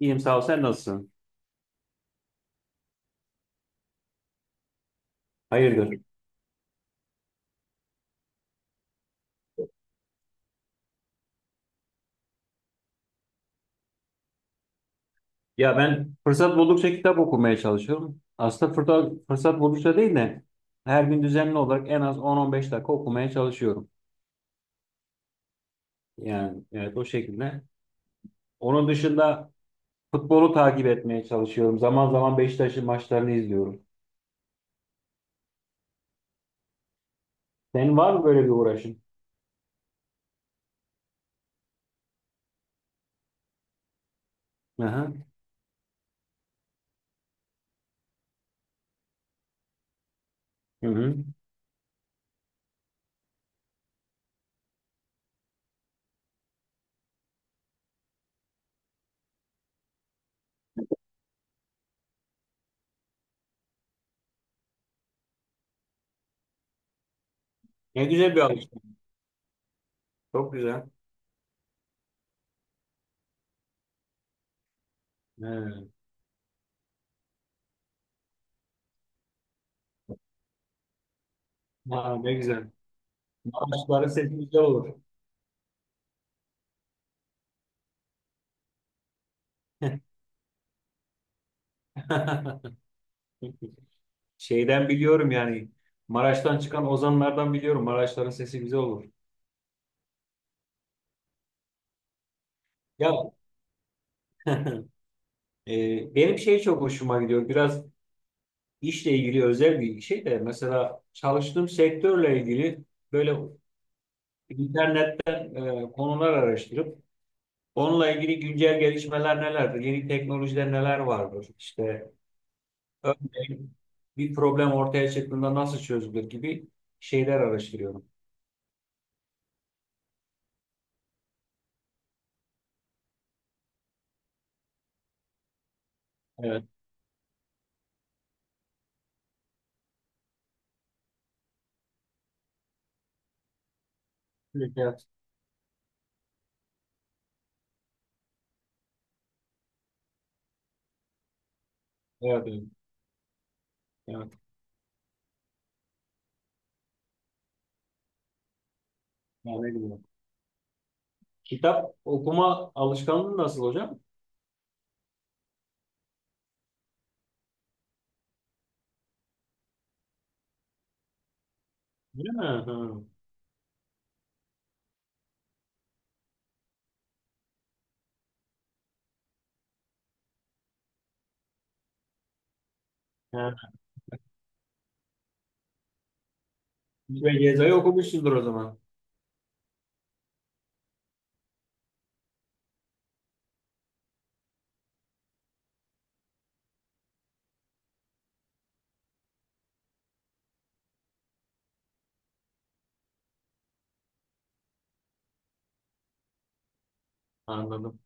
İyiyim sağ ol. Sen nasılsın? Hayırdır? Ya ben fırsat buldukça kitap okumaya çalışıyorum. Aslında fırsat buldukça değil de her gün düzenli olarak en az 10-15 dakika okumaya çalışıyorum. Yani evet o şekilde. Onun dışında futbolu takip etmeye çalışıyorum. Zaman zaman Beşiktaş'ın maçlarını izliyorum. Senin var mı böyle bir uğraşın? Aha. Hı hı. Ne güzel bir alışkanlık. Çok güzel. Evet. Ha, ne güzel. Maçları sesi güzel olur. Şeyden biliyorum yani Maraş'tan çıkan ozanlardan biliyorum. Maraşların sesi güzel olur. Ya benim şey çok hoşuma gidiyor. Biraz işle ilgili özel bir şey de mesela çalıştığım sektörle ilgili böyle internetten konular araştırıp onunla ilgili güncel gelişmeler nelerdir? Yeni teknolojiler neler vardır? İşte örneğin bir problem ortaya çıktığında nasıl çözülür gibi şeyler araştırıyorum. Evet. Evet. Evet. Evet. Evet. Yani ne bileyim. Kitap okuma alışkanlığı nasıl hocam? Değil mi? Ha. Ha. Ve Geza'yı okumuşsundur o zaman. Anladım.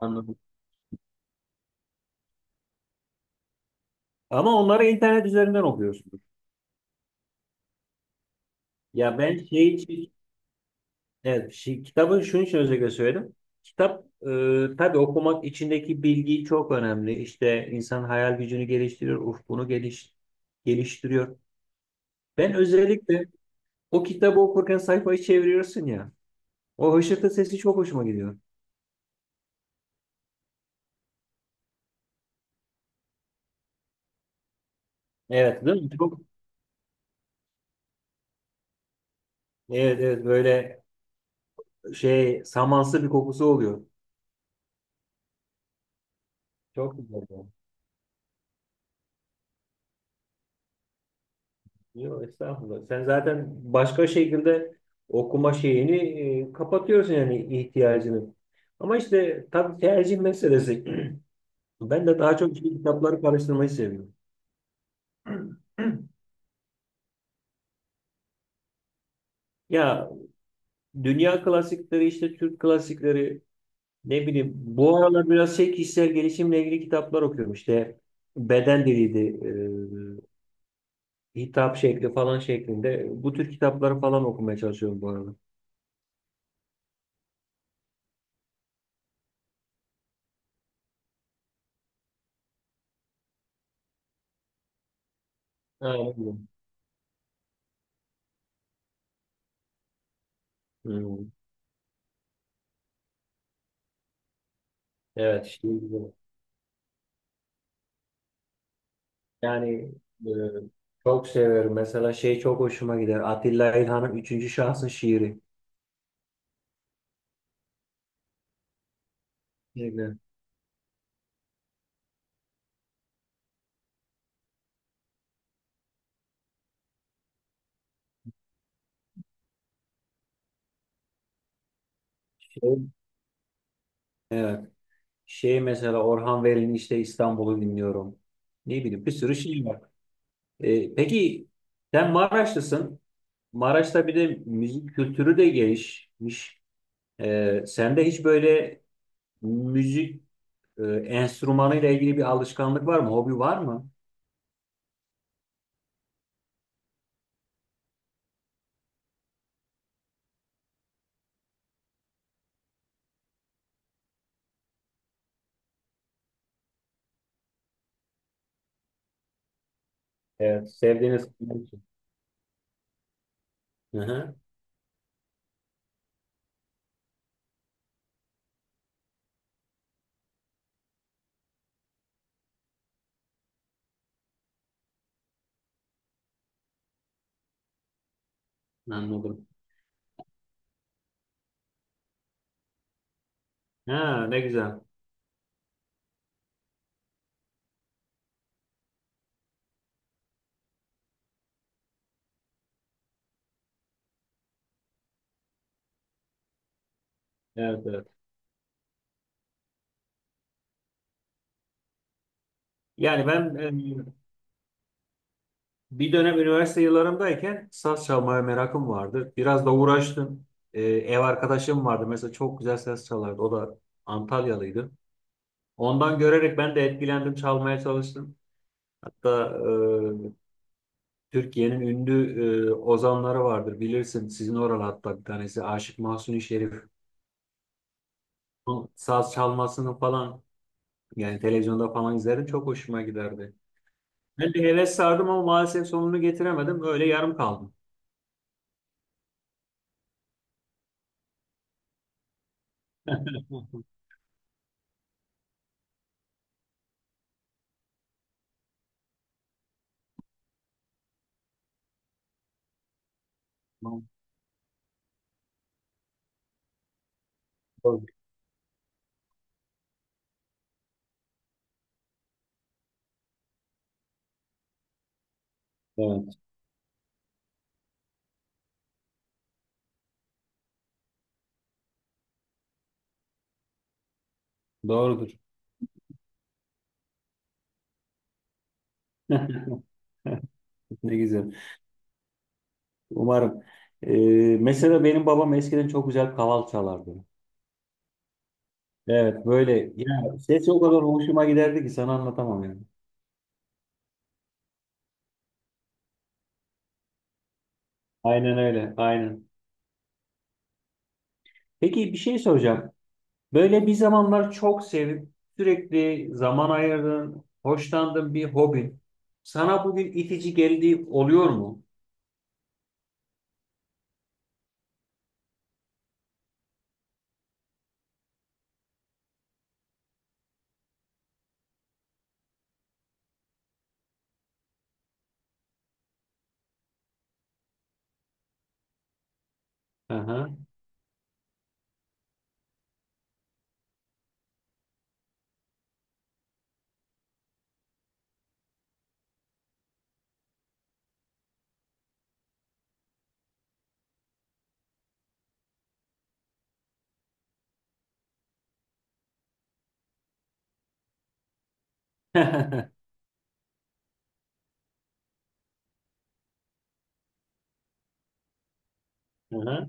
Anladım. Ama onları internet üzerinden okuyorsunuz. Ya ben şey için, evet, şey, kitabı şunun için özellikle söyledim. Kitap tabii okumak içindeki bilgi çok önemli. İşte insan hayal gücünü geliştiriyor, geliştiriyor. Ben özellikle o kitabı okurken sayfayı çeviriyorsun ya. O hışırtı sesi çok hoşuma gidiyor. Evet, değil mi? Çok, evet, evet böyle şey samansı bir kokusu oluyor. Çok güzel, ya. Yok estağfurullah. Sen zaten başka şekilde okuma şeyini kapatıyorsun yani ihtiyacını. Ama işte tabii tercih meselesi. Ben de daha çok işte kitapları karıştırmayı seviyorum. Ya dünya klasikleri işte Türk klasikleri ne bileyim bu aralar biraz şey kişisel gelişimle ilgili kitaplar okuyorum işte beden diliydi hitap şekli falan şeklinde bu tür kitapları falan okumaya çalışıyorum bu arada. Aynen. Hmm. Evet işte bu. Yani e, çok severim. Mesela şey çok hoşuma gider. Atilla İlhan'ın üçüncü şahsın şiiri. Kesinlikle. Şey, evet. Şey mesela Orhan Veli'nin işte İstanbul'u dinliyorum. Ne bileyim bir sürü şey var. Peki sen Maraşlısın. Maraş'ta bir de müzik kültürü de gelişmiş. Sende hiç böyle müzik enstrümanıyla ilgili bir alışkanlık var mı? Hobi var mı? Evet, sevdiğiniz. Hı hı. Anladım. Ha, ne güzel. Evet, evet. Yani ben bir dönem üniversite yıllarımdayken saz çalmaya merakım vardı. Biraz da uğraştım. E, ev arkadaşım vardı. Mesela çok güzel saz çalardı. O da Antalyalıydı. Ondan görerek ben de etkilendim. Çalmaya çalıştım. Hatta e, Türkiye'nin ünlü ozanları vardır. Bilirsin sizin oralı hatta bir tanesi. Aşık Mahzuni Şerif. Onun saz çalmasını falan yani televizyonda falan izlerim. Çok hoşuma giderdi. Ben de heves sardım ama maalesef sonunu getiremedim. Öyle yarım kaldım. Doğrudur. Evet, doğrudur. Ne güzel. Umarım. Ee, mesela benim babam eskiden çok güzel kaval çalardı. Evet, böyle ya sesi o kadar hoşuma giderdi ki sana anlatamam yani. Aynen öyle, aynen. Peki bir şey soracağım. Böyle bir zamanlar çok sevip sürekli zaman ayırdığın, hoşlandığın bir hobin sana bugün itici geldiği oluyor mu? Aha. Aha,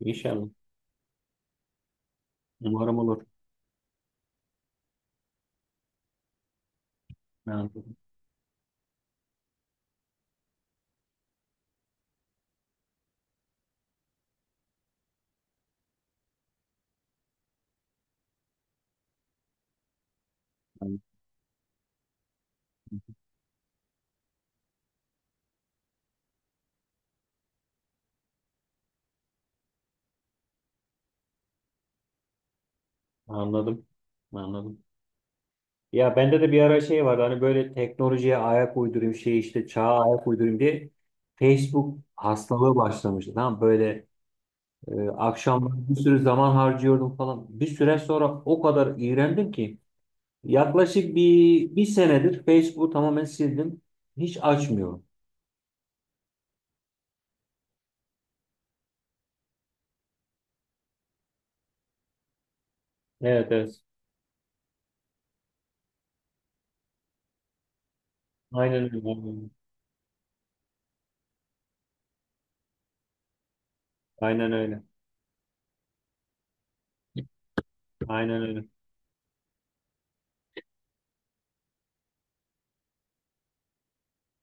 inşallah. Umarım olur. Anladım. Anladım. Anladım. Ya bende de bir ara şey vardı hani böyle teknolojiye ayak uydurayım şey işte çağa ayak uydurayım diye Facebook hastalığı başlamıştı. Tamam böyle akşamları bir sürü zaman harcıyordum falan. Bir süre sonra o kadar iğrendim ki yaklaşık bir senedir Facebook'u tamamen sildim. Hiç açmıyorum. Evet, evet. Aynen öyle. Aynen öyle. Aynen öyle.